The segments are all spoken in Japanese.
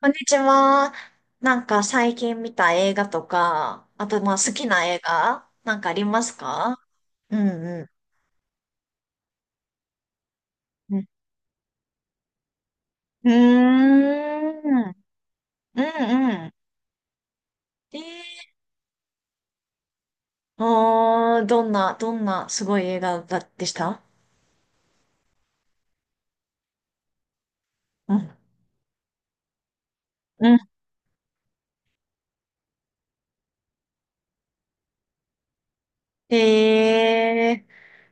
こんにちは。なんか最近見た映画とか、あとまあ好きな映画なんかありますか？うんうん。うんうーん。うんうん。えあー、どんなすごい映画だでした？うん。うん。え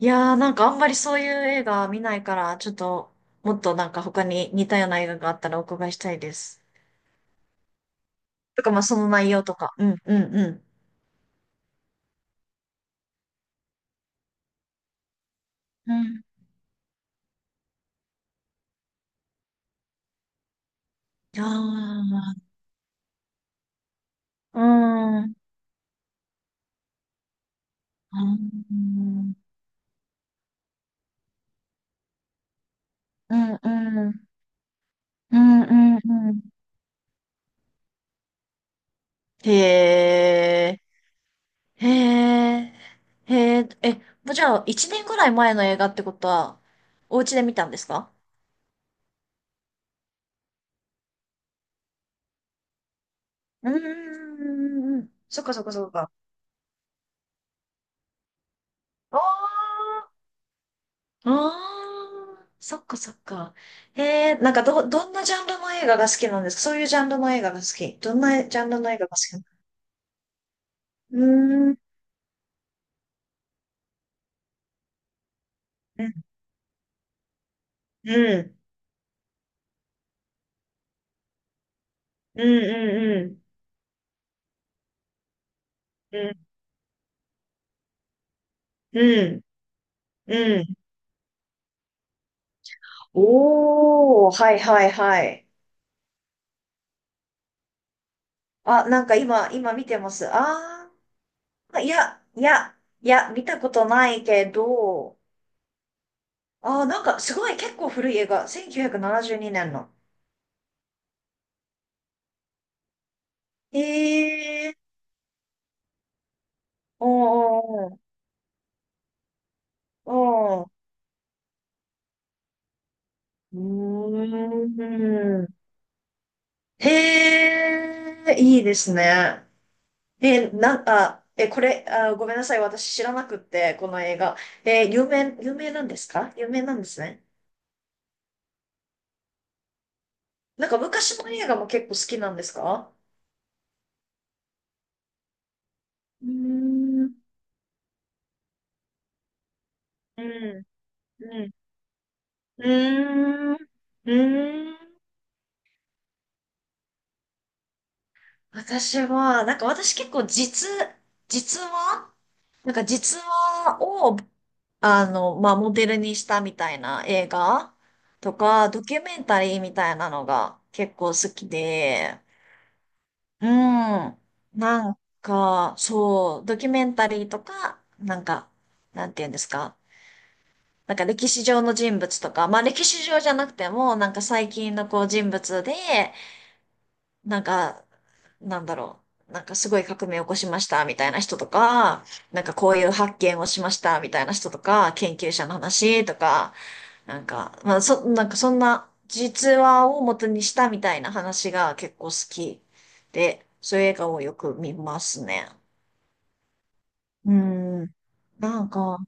ー、いやー、なんかあんまりそういう映画見ないから、ちょっともっとなんか他に似たような映画があったらお伺いしたいです。とかまあその内容とか。うんうんうん。うん。ああ。うん。うん。うんうん。うん。うん。うん。へえ。へえ。へえ。え、もうじゃあ、一年ぐらい前の映画ってことは、お家で見たんですか？うーん。そっかそっかそっか。ああ。ああ。そっかそっか。へえ。なんか、どんなジャンルの映画が好きなんですか？そういうジャンルの映画が好き。どんなジャンルの映画が好きなの？うーん。うん。うん。うん。うん。うん。うん、うん。おー、はいはいはい。あ、なんか今見てます。あー、いや、いや、いや、見たことないけど、あー、なんかすごい結構古い映画。1972年の。へー、おー、おー、うーん。へえ、いいですね。え、なんか、え、これ、あ、ごめんなさい。私知らなくって、この映画。え、有名なんですか？有名なんですね。なんか昔の映画も結構好きなんですか？うーん、うん、うん、うーん、うーん。私は、なんか私結構実話、なんか実話を、あの、まあ、モデルにしたみたいな映画とか、ドキュメンタリーみたいなのが結構好きで、うん。なんか、そう、ドキュメンタリーとか、なんか、なんていうんですか。なんか歴史上の人物とか、まあ歴史上じゃなくても、なんか最近のこう人物で、なんか、なんだろう、なんかすごい革命を起こしましたみたいな人とか、なんかこういう発見をしましたみたいな人とか、研究者の話とか、なんか、まあそ、なんかそんな実話を元にしたみたいな話が結構好きで、そういう映画をよく見ますね。うん。なんか、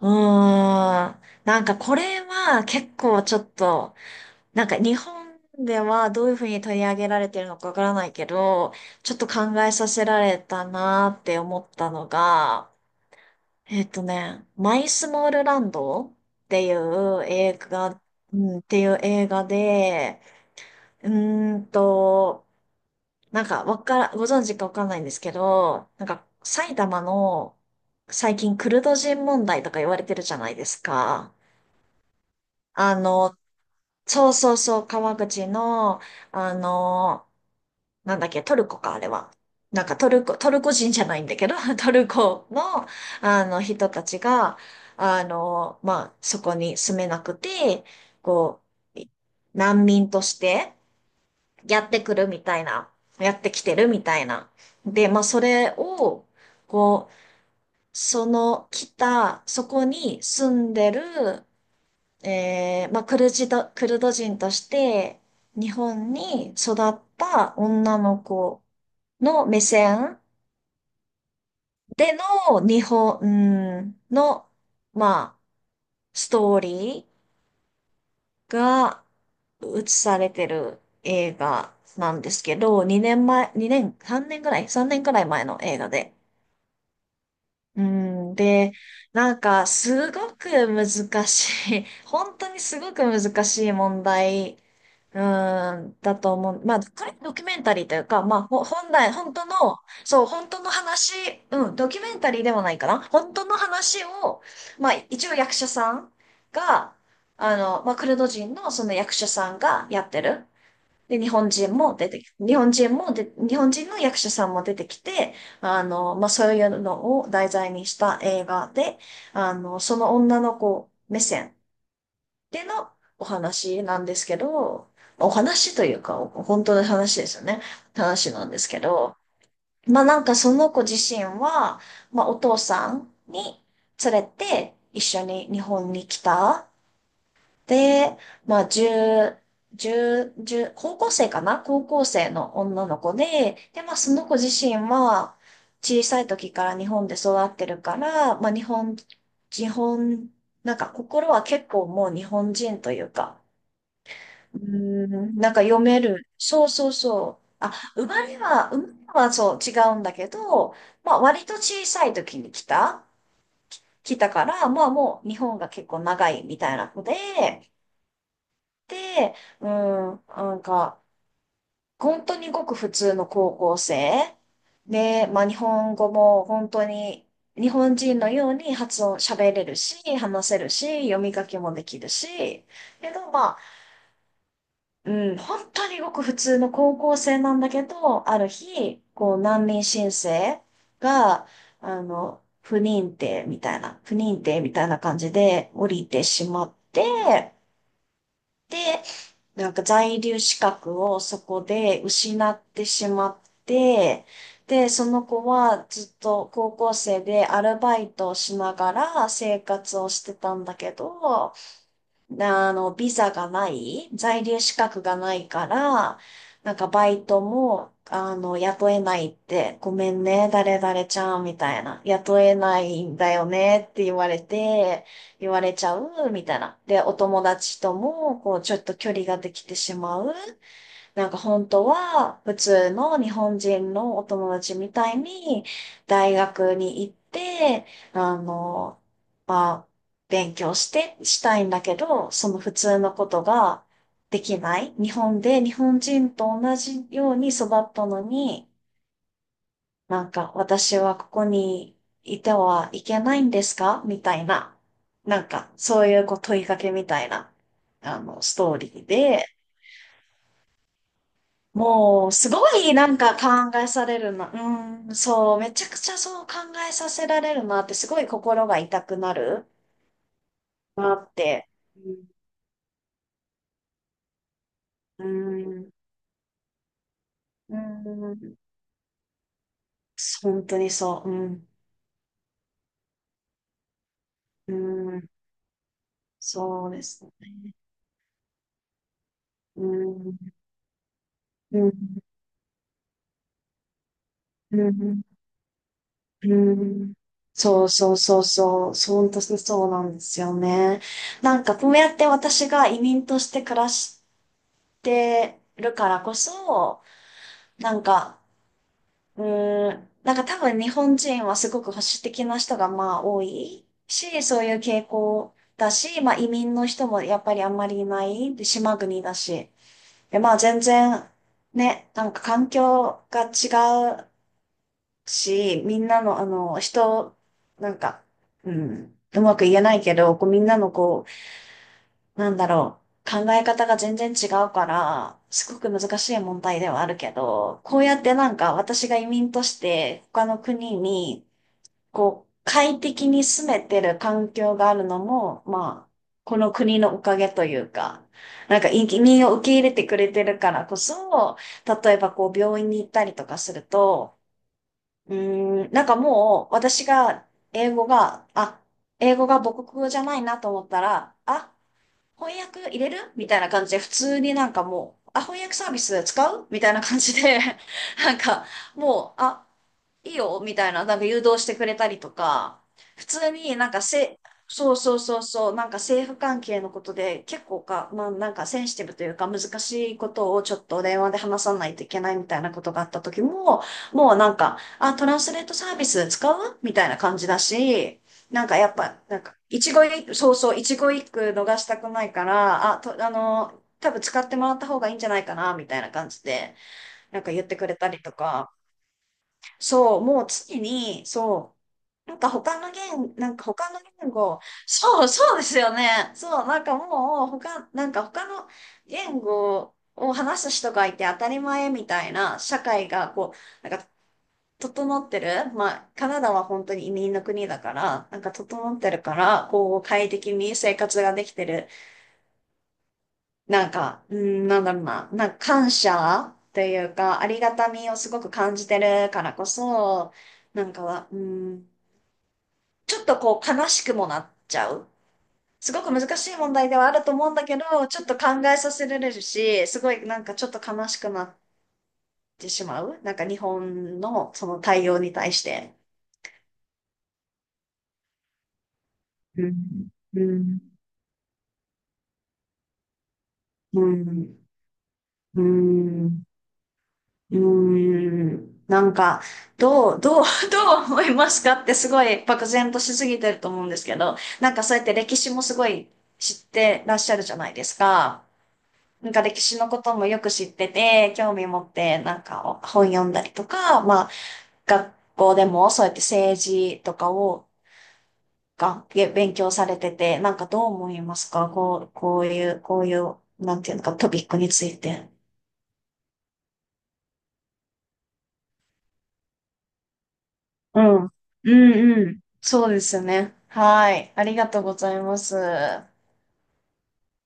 うーん。なんかこれは結構ちょっとなんか日本ではどういうふうに取り上げられてるのかわからないけど、ちょっと考えさせられたなーって思ったのが、マイスモールランドっていう映画、うん、っていう映画で、うーんと、なんかわから、ご存知かわかんないんですけど、なんか埼玉の最近クルド人問題とか言われてるじゃないですか。あの、そうそうそう、川口の、あの、なんだっけ、トルコか、あれは。なんかトルコ人じゃないんだけど、トルコの、あの、人たちが、あの、まあ、そこに住めなくて、こう、難民としてやってくるみたいな、やってきてるみたいな。で、まあ、それを、こう、その来た、そこに住んでる、まあ、クルド人として、日本に育った女の子の目線での日本の、まあ、ストーリーが映されてる映画なんですけど、2年前、2年、3年ぐらい、3年ぐらい前の映画で、うん、で、なんか、すごく難しい、本当にすごく難しい問題、うん、だと思う。まあ、これドキュメンタリーというか、まあ、本来、本当の、そう、本当の話、うん、ドキュメンタリーではないかな。本当の話を、まあ、一応役者さんが、あの、まあ、クルド人のその役者さんがやってる。で、日本人も出てき、日本人もで、日本人の役者さんも出てきて、あの、まあ、そういうのを題材にした映画で、あの、その女の子目線でのお話なんですけど、お話というか、本当の話ですよね。話なんですけど、まあ、なんかその子自身は、まあ、お父さんに連れて一緒に日本に来た。で、まあ、10、1高校生かな、高校生の女の子で、で、まあ、その子自身は、小さい時から日本で育ってるから、まあ、日本、なんか心は結構もう日本人というか、うーん、なんか読める。そうそうそう。あ、生まれはそう違うんだけど、まあ、割と小さい時に来たから、まあ、もう日本が結構長いみたいな子で、で、うん、なんか、本当にごく普通の高校生で、まあ日本語も本当に日本人のように発音喋れるし、話せるし、読み書きもできるし、けどまあ、うん、本当にごく普通の高校生なんだけど、ある日、こう難民申請が、あの、不認定みたいな感じで降りてしまって、で、なんか在留資格をそこで失ってしまって、で、その子はずっと高校生でアルバイトをしながら生活をしてたんだけど、あの、ビザがない、在留資格がないから、なんかバイトも、あの、雇えないって、ごめんね、誰々ちゃん、みたいな。雇えないんだよね、って言われて、言われちゃう、みたいな。で、お友達とも、こう、ちょっと距離ができてしまう。なんか本当は普通の日本人のお友達みたいに大学に行って、あの、まあ、勉強してしたいんだけど、その普通のことができない。日本で日本人と同じように育ったのに、なんか私はここにいてはいけないんですか？みたいな。なんかそういうこう問いかけみたいな、あの、ストーリーで、もう、すごいなんか考えされるな。うん、そう、めちゃくちゃそう考えさせられるなって、すごい心が痛くなるなって。うん、うん、うん、本当にそう。うん、うん、そうですね。うん、うん、うん、うん。そうそうそうそう、そう本当にそうなんですよね。なんかこうやって私が移民として暮らしてるからこそ、なんか、うーん、なんか多分日本人はすごく保守的な人がまあ多いし、そういう傾向だし、まあ移民の人もやっぱりあんまりいない、で、島国だし。で、まあ全然ね、なんか環境が違うし、みんなのあの人、なんか、うん、うまく言えないけど、こうみんなのこう、なんだろう。考え方が全然違うから、すごく難しい問題ではあるけど、こうやってなんか私が移民として他の国に、こう、快適に住めてる環境があるのも、まあ、この国のおかげというか、なんか移民を受け入れてくれてるからこそ、例えばこう病院に行ったりとかすると、うーん、なんかもう私が英語が、あ、英語が母国語じゃないなと思ったら、あ、翻訳入れるみたいな感じで、普通になんかもう、あ、翻訳サービス使うみたいな感じで、なんか、もう、あ、いいよ、みたいな、なんか誘導してくれたりとか、普通になんかせ、そうそうそうそう、なんか政府関係のことで結構まあなんかセンシティブというか難しいことをちょっと電話で話さないといけないみたいなことがあった時も、もうなんか、あ、トランスレートサービス使うみたいな感じだし、なんかやっぱ、なんか、一期一会、そうそう、一期一会逃したくないから、あ、あの、多分使ってもらった方がいいんじゃないかな、みたいな感じで、なんか言ってくれたりとか、そう、もう常に、そう、なんか他の言、なんか他の言語、そう、そうですよね。そう、なんかもう、なんか他の言語を話す人がいて当たり前みたいな社会が、こう、なんか整ってる、まあ、カナダは本当に移民の国だから、なんか整ってるから、こう、快適に生活ができてる。なんか、うん、なんだろうな、なんか感謝というか、ありがたみをすごく感じてるからこそ、なんかは、うん、ちょっとこう、悲しくもなっちゃう。すごく難しい問題ではあると思うんだけど、ちょっと考えさせられるし、すごいなんかちょっと悲しくなってしまう。なんか日本のその対応に対して。うん。うんうん、うん、うん、なんか、どう、どう、どう思いますかってすごい漠然としすぎてると思うんですけど、なんかそうやって歴史もすごい知ってらっしゃるじゃないですか。なんか歴史のこともよく知ってて、興味持って、なんか本読んだりとか、まあ、学校でもそうやって政治とかを、が、げ勉強されてて、なんかどう思いますか？こう、こういう、こういう、なんていうのか、トピックについて。うん。うんうん。そうですよね。はい。ありがとうございます。